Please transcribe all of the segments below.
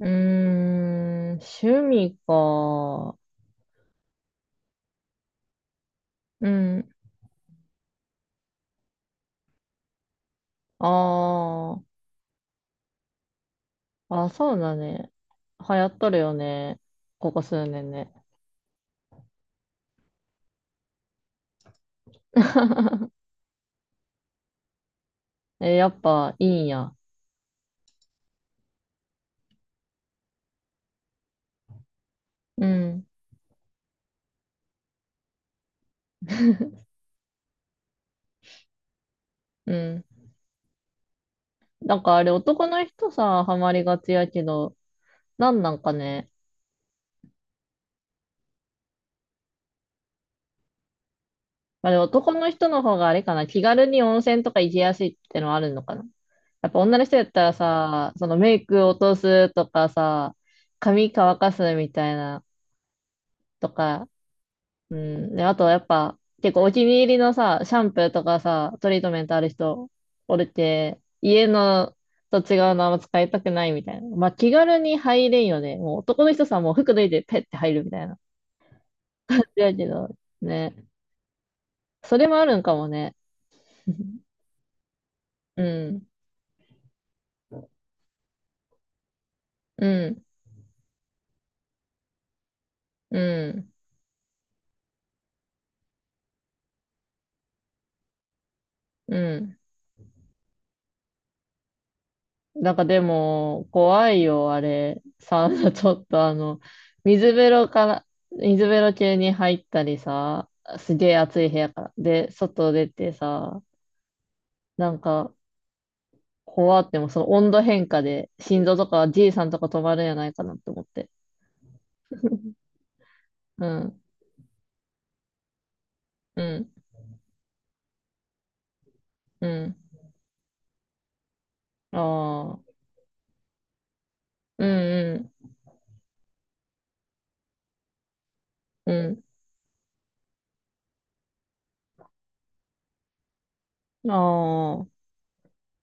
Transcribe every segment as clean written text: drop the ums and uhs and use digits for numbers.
うーん、趣味か。うん。ああ、あ、そうだね。流行っとるよね。ここ数年ね。え、やっぱいいんや。うん、うん。なんかあれ男の人さ、ハマりがちやけど、なんなんかね。あれ男の人の方があれかな。気軽に温泉とか行きやすいってのはあるのかな。やっぱ女の人やったらさ、そのメイク落とすとかさ、髪乾かすみたいなとか、うん。で、あとやっぱ、結構お気に入りのさ、シャンプーとかさ、トリートメントある人、おるて、家のと違うのあんま使いたくないみたいな。まあ気軽に入れんよね。もう男の人さ、もう服脱いでペッて入るみたいな。だけど、ね。それもあるんかもね。うん。うん。うん。うん。なんかでも、怖いよ、あれ。サウナ、ちょっと、水風呂から、水風呂中に入ったりさ、すげえ暑い部屋から。で、外出てさ、なんか、怖っても、その温度変化で、心臓とか、じいさんとか止まるんじゃないかなって思って。うん、うん、うん。ああ、うん、うん、うん。ああ。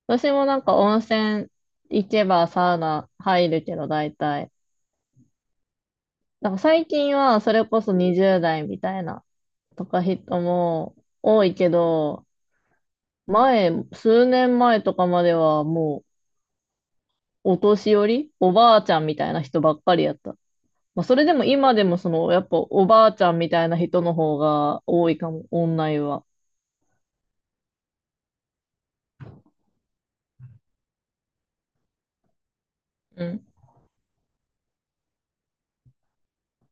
私もなんか温泉行けばサウナ入るけど、大体。な最近はそれこそ20代みたいなとか人も多いけど、前、数年前とかまではもうお年寄り、おばあちゃんみたいな人ばっかりやった。まあ、それでも今でもその、やっぱおばあちゃんみたいな人の方が多いかも、オンラインは。うん。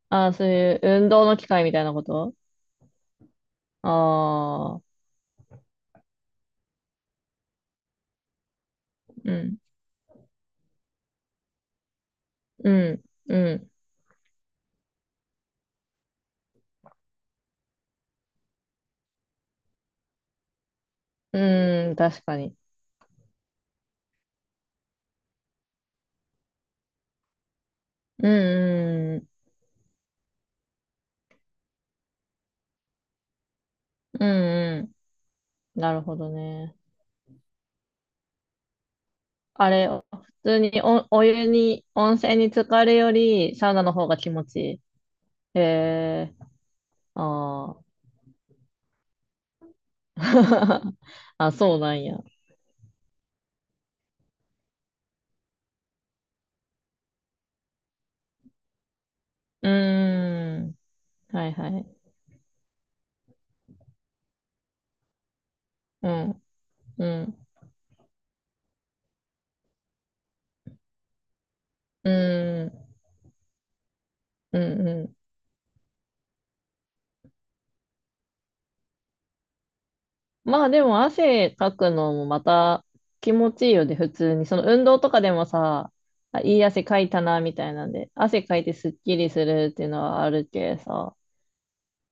ああ、そういう運動の機会みたいなことああー、うん、うん、うん、うん、確かに。うん、うん、うん、うん。なるほどね。あれ、普通にお、お湯に、温泉に浸かるより、サウナの方が気持ちいい。へえー、ああ、あそうなんや。うーん。はいはい。うん、うん、うん、うん、うん。まあでも汗かくのもまた気持ちいいよね、普通に。その運動とかでもさ、あ、いい汗かいたな、みたいなんで、汗かいてすっきりするっていうのはあるけさ。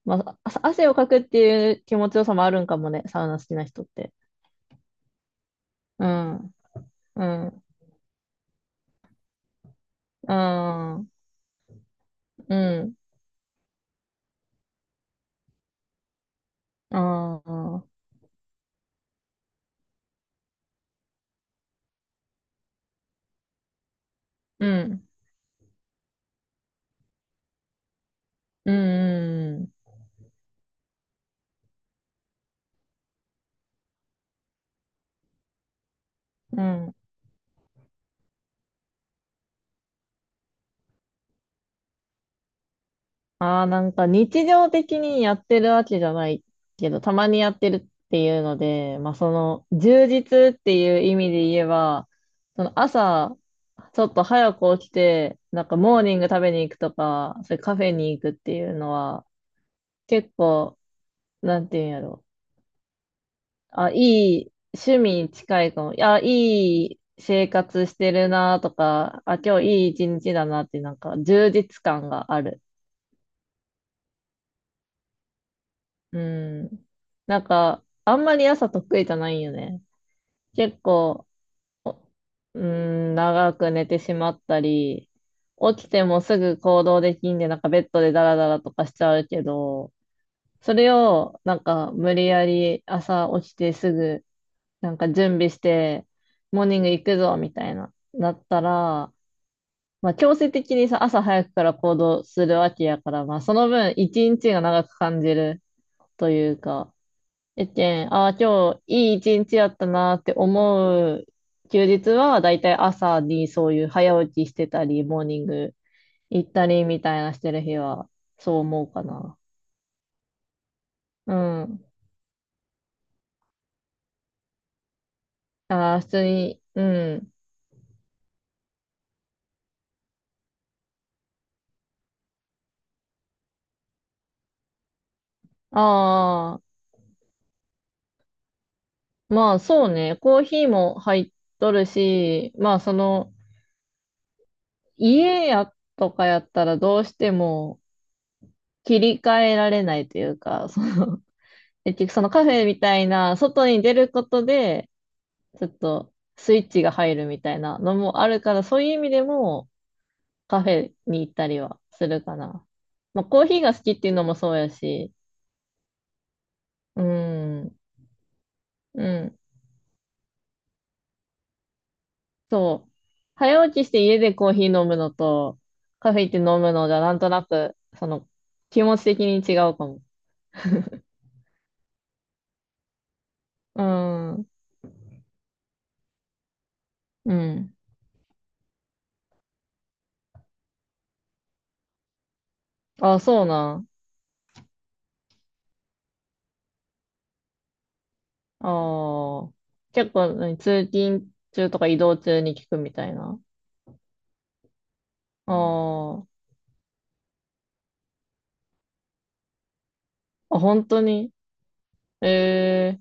まあ、あ汗をかくっていう気持ちよさもあるんかもね、サウナ好きな人って。うん、うん、うん、うん、ああ、うん、うん、うん。ああ、日常的にやってるわけじゃないけど、たまにやってるっていうので、まあその充実っていう意味で言えば、その朝、ちょっと早く起きて、なんかモーニング食べに行くとか、それカフェに行くっていうのは、結構、なんていうんやろあ、いい、趣味に近いかも。いや、いい生活してるなとか、あ、今日いい一日だなって、なんか充実感がある。うん。なんか、あんまり朝得意じゃないよね。結構、うん、長く寝てしまったり、起きてもすぐ行動できんで、なんかベッドでダラダラとかしちゃうけど、それを、なんか無理やり朝起きてすぐ、なんか準備して、モーニング行くぞ、みたいな、なったら、まあ、強制的にさ、朝早くから行動するわけやから、まあ、その分、一日が長く感じるというか、えっけん、ああ、今日いい一日やったなって思う休日は、だいたい朝にそういう早起きしてたり、モーニング行ったりみたいなしてる日は、そう思うかな。うん。ああ、普通に、うん。ああ、まあそうね、コーヒーも入っとるし、まあその、家やとかやったらどうしても、切り替えられないというか、その、結局そのカフェみたいな、外に出ることで、ちょっとスイッチが入るみたいなのもあるから、そういう意味でもカフェに行ったりはするかな。まあ、コーヒーが好きっていうのもそうやし、うん、うん、そう。早起きして家でコーヒー飲むのと、カフェ行って飲むのじゃ、なんとなく、その、気持ち的に違うかも。うん、うん。あ、そうなん。ああ。結構、何通勤中とか移動中に聞くみたいな。ああ。あ、本当にええ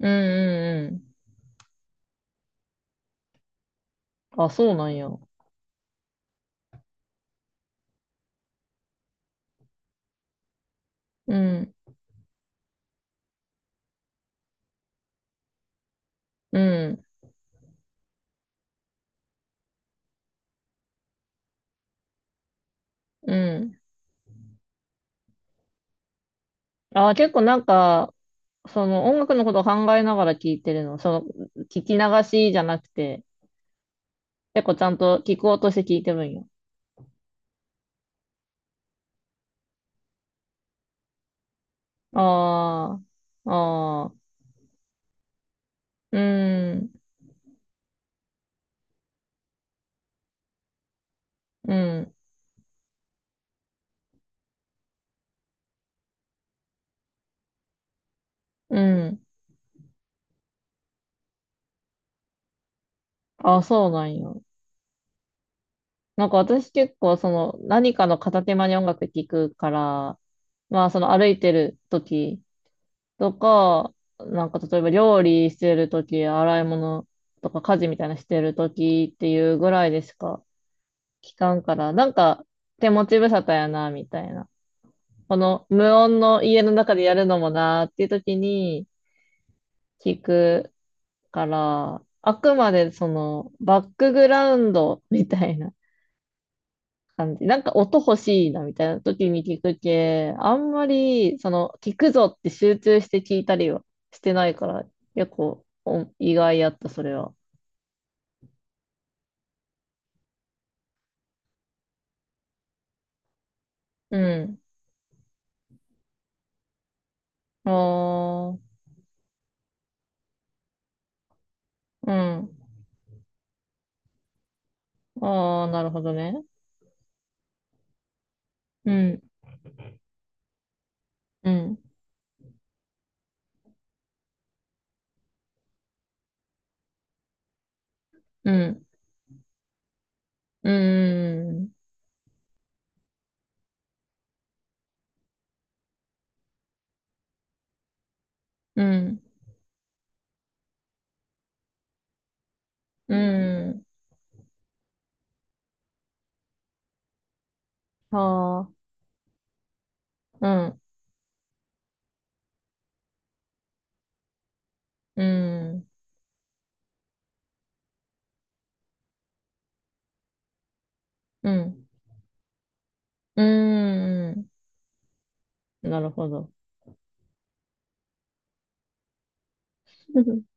うんうんうん。あ、そうなんや。うん、うん、うん。あ、結構なんか、その音楽のことを考えながら聞いてるの。その、聞き流しじゃなくて、結構ちゃんと聞こうとして聞いてるんよ。ああ、ああ、うん、うん、うん。あ、そうなんや。なんか私結構その何かの片手間に音楽聴くから、まあその歩いてる時とか、なんか例えば料理してる時、洗い物とか家事みたいなしてる時っていうぐらいでしか聞かんから、なんか手持ち無沙汰やな、みたいな。この無音の家の中でやるのもなっていう時に聞くから、あくまでそのバックグラウンドみたいな。感じ。なんか音欲しいなみたいな時に聞くけ、あんまり、その、聞くぞって集中して聞いたりはしてないから、結構意外やった、それは。うん。ああ、うん。ああ、なるほどね。うん、うん、うん、うん、うん、うん、ああ、うん、うん、うん、うん、なるほど。